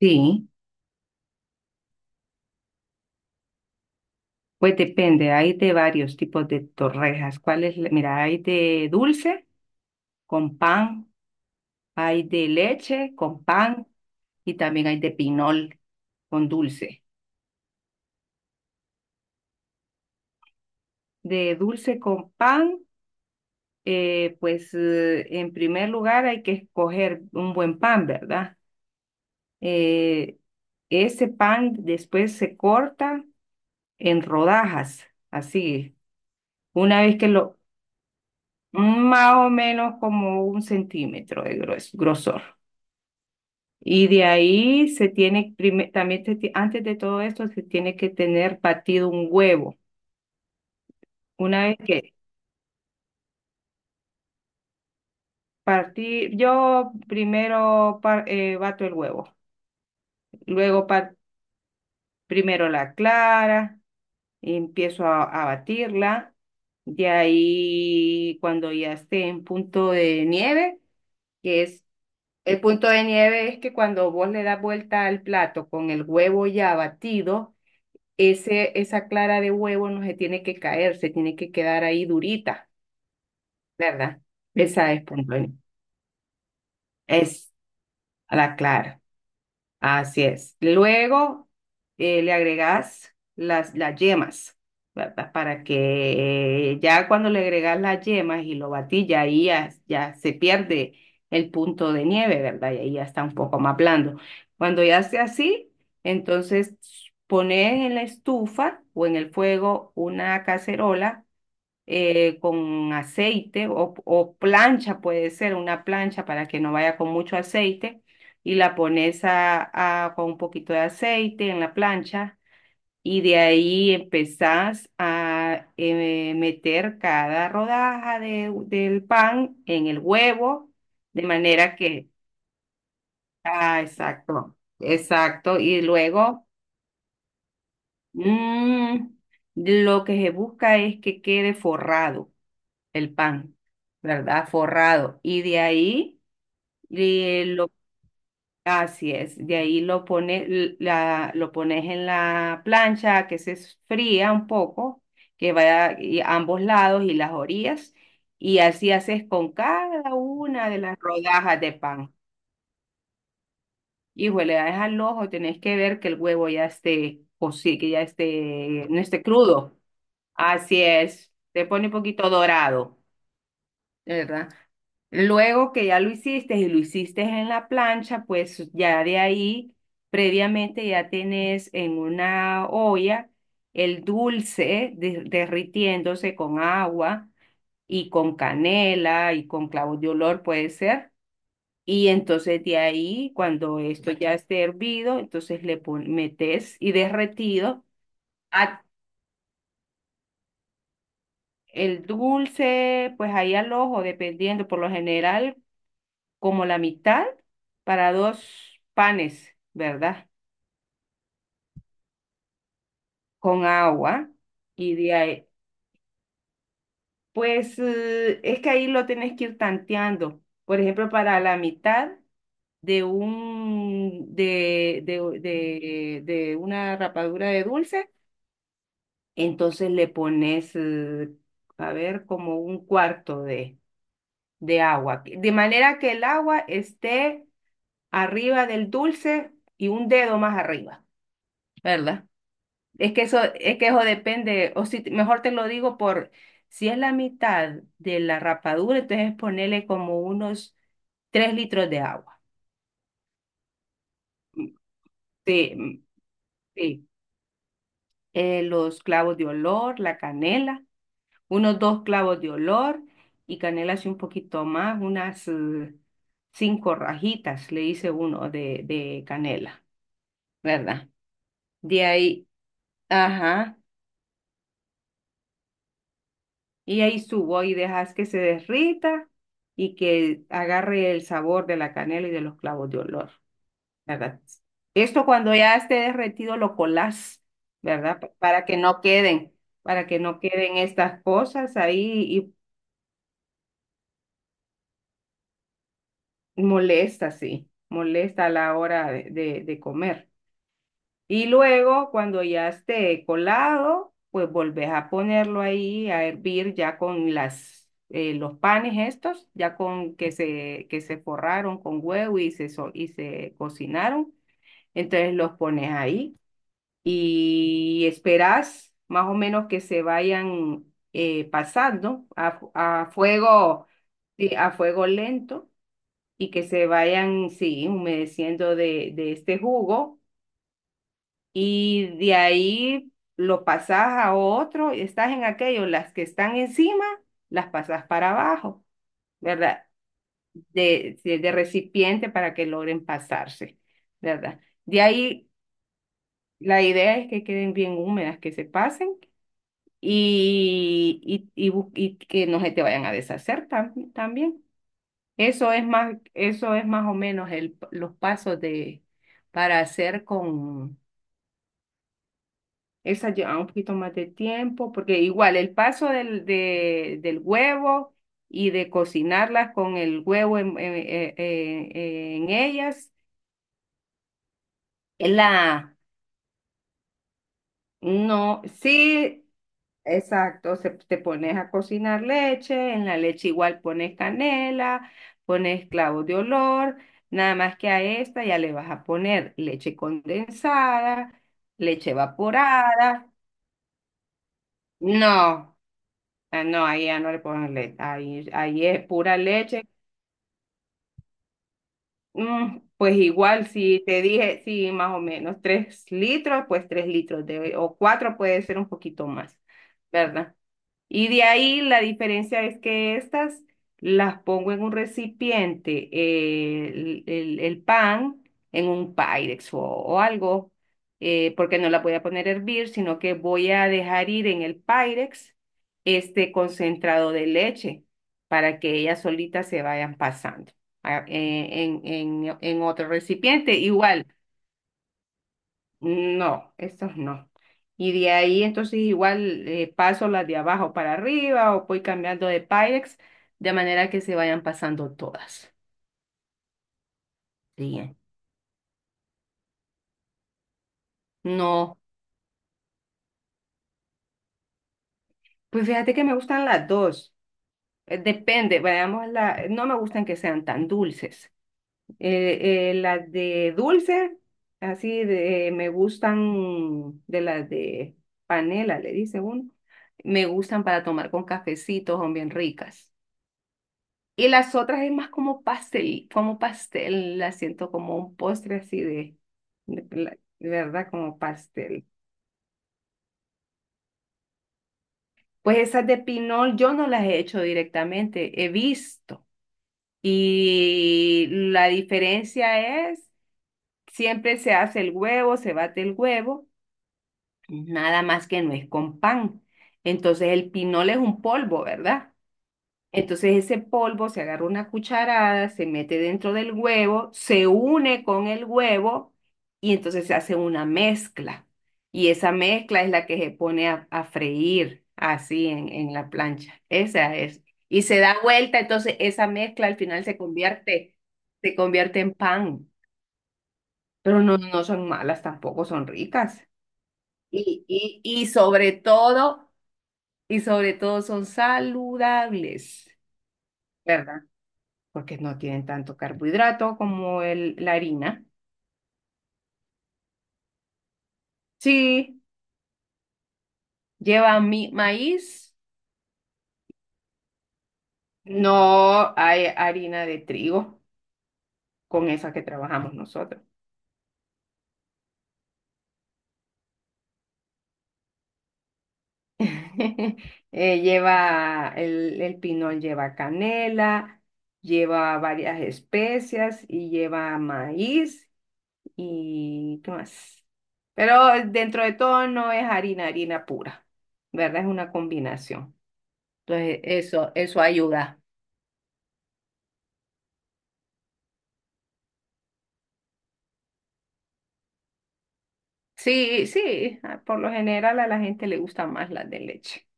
Sí, pues depende, hay de varios tipos de torrejas. ¿Cuál es? Mira, hay de dulce con pan, hay de leche con pan y también hay de pinol con dulce. De dulce con pan, pues en primer lugar hay que escoger un buen pan, ¿verdad? Eh, ese pan después se corta en rodajas, así, una vez que lo, más o menos como un centímetro de grosor. Y de ahí se tiene, prime- también se ti- antes de todo esto, se tiene que tener batido un huevo. Una vez que partí, yo primero bato el huevo, luego primero la clara, y empiezo a batirla. De ahí, cuando ya esté en punto de nieve, que es, el punto de nieve es que cuando vos le das vuelta al plato con el huevo ya batido, esa clara de huevo no se tiene que caer, se tiene que quedar ahí durita, ¿verdad? Esa es pompones. Es la clara. Así es. Luego le agregas las yemas, ¿verdad? Para que ya cuando le agregas las yemas y lo batís, ya ahí ya se pierde el punto de nieve, ¿verdad? Y ahí ya está un poco más blando. Cuando ya esté así, entonces pones en la estufa o en el fuego una cacerola con aceite o plancha, puede ser una plancha para que no vaya con mucho aceite, y la pones con un poquito de aceite en la plancha y de ahí empezás a meter cada rodaja del pan en el huevo, de manera que, ah, exacto, exacto, y luego, mm, lo que se busca es que quede forrado el pan, ¿verdad? Forrado. Y de ahí lo así es, de ahí lo pones en la plancha que se fría un poco, que vaya y ambos lados y las orillas, y así haces con cada una de las rodajas de pan. Hijo, le das al ojo, tenés que ver que el huevo ya esté, o sí, que ya esté, no esté crudo. Así es, te pone un poquito dorado. De ¿Verdad? Luego que ya lo hiciste y lo hiciste en la plancha, pues ya de ahí, previamente ya tenés en una olla el dulce derritiéndose con agua y con canela y con clavo de olor puede ser. Y entonces de ahí, cuando esto ya esté hervido, entonces metes y derretido a el dulce, pues ahí al ojo, dependiendo, por lo general, como la mitad para dos panes, ¿verdad? Con agua. Y de ahí, pues es que ahí lo tenés que ir tanteando. Por ejemplo, para la mitad de un de una rapadura de dulce, entonces le pones, a ver, como un cuarto de agua. De manera que el agua esté arriba del dulce y un dedo más arriba, ¿verdad? Es que eso depende, o si mejor te lo digo por, si es la mitad de la rapadura, entonces ponerle como unos 3 litros de agua. Sí, mm, sí. Los clavos de olor, la canela, unos dos clavos de olor y canela así un poquito más, unas cinco rajitas, le hice uno de canela, ¿verdad? De ahí, ajá. Y ahí subo y dejas que se derrita y que agarre el sabor de la canela y de los clavos de olor, ¿verdad? Esto cuando ya esté derretido lo colás, ¿verdad? Para que no queden, estas cosas ahí y molesta, sí, molesta a la hora de, de comer. Y luego, cuando ya esté colado, pues volvés a ponerlo ahí a hervir ya con las, los panes estos, ya con que se forraron con huevo y se cocinaron. Entonces los pones ahí y esperás más o menos que se vayan pasando a fuego, sí, a fuego lento y que se vayan, sí, humedeciendo de este jugo y de ahí lo pasas a otro, y estás en aquello, las que están encima, las pasas para abajo, ¿verdad? De recipiente para que logren pasarse, ¿verdad? De ahí la idea es que queden bien húmedas, que se pasen y, y que no se te vayan a deshacer también. Eso es más o menos los pasos para hacer con. Esa lleva un poquito más de tiempo, porque igual el paso del huevo y de cocinarlas con el huevo en ellas, es la, no, sí, exacto, te pones a cocinar leche, en la leche igual pones canela, pones clavo de olor, nada más que a esta ya le vas a poner leche condensada, leche evaporada, no. Ah, no, ahí ya no le ponen leche, ahí es pura leche. Mm, pues igual, si te dije, sí, más o menos 3 litros, pues 3 litros de, o cuatro puede ser un poquito más, ¿verdad? Y de ahí la diferencia es que estas las pongo en un recipiente, el pan en un Pyrex o algo, porque no la voy a poner a hervir, sino que voy a dejar ir en el Pyrex este concentrado de leche para que ellas solitas se vayan pasando ah, en, en otro recipiente. Igual. No, esas no. Y de ahí entonces igual paso las de abajo para arriba o voy cambiando de Pyrex de manera que se vayan pasando todas. Bien. No, pues fíjate que me gustan las dos. Depende, no me gustan que sean tan dulces. Las de dulce, me gustan de las de panela, le dice uno. Me gustan para tomar con cafecitos, son bien ricas. Y las otras es más como pastel, la siento como un postre así de, de verdad, como pastel. Pues esas de pinol yo no las he hecho directamente, he visto. Y la diferencia es, siempre se hace el huevo, se bate el huevo, nada más que no es con pan. Entonces el pinol es un polvo, ¿verdad? Entonces ese polvo se agarra una cucharada, se mete dentro del huevo, se une con el huevo y entonces se hace una mezcla. Y esa mezcla es la que se pone a freír así en la plancha. Esa es. Y se da vuelta, entonces esa mezcla al final se convierte en pan. Pero no, no son malas tampoco, son ricas. Y, y, y sobre todo, y sobre todo son saludables, ¿verdad? Porque no tienen tanto carbohidrato como el, la harina. Sí, lleva mi maíz, no hay harina de trigo con esa que trabajamos nosotros. El pinol lleva canela, lleva varias especias y lleva maíz y ¿qué más? Pero dentro de todo no es harina, harina pura, ¿verdad? Es una combinación. Entonces, eso ayuda. Sí, sí, ah, por lo general a la gente le gustan más las de leche.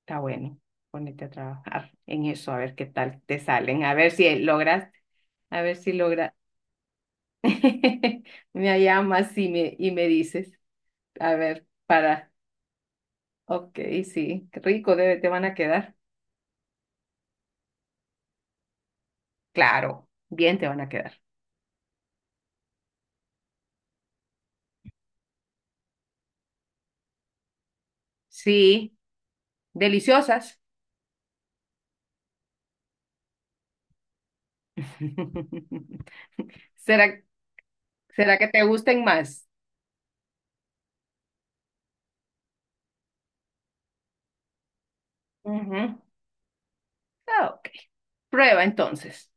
Está bueno, ponete a trabajar en eso, a ver qué tal te salen, a ver si logras. Me llamas y me dices, a ver, ok, sí, qué rico, debe, te van a quedar. Claro, bien te van a quedar. Sí, deliciosas. ¿Será, será que te gusten más? Ujú. Ah, ok, prueba entonces.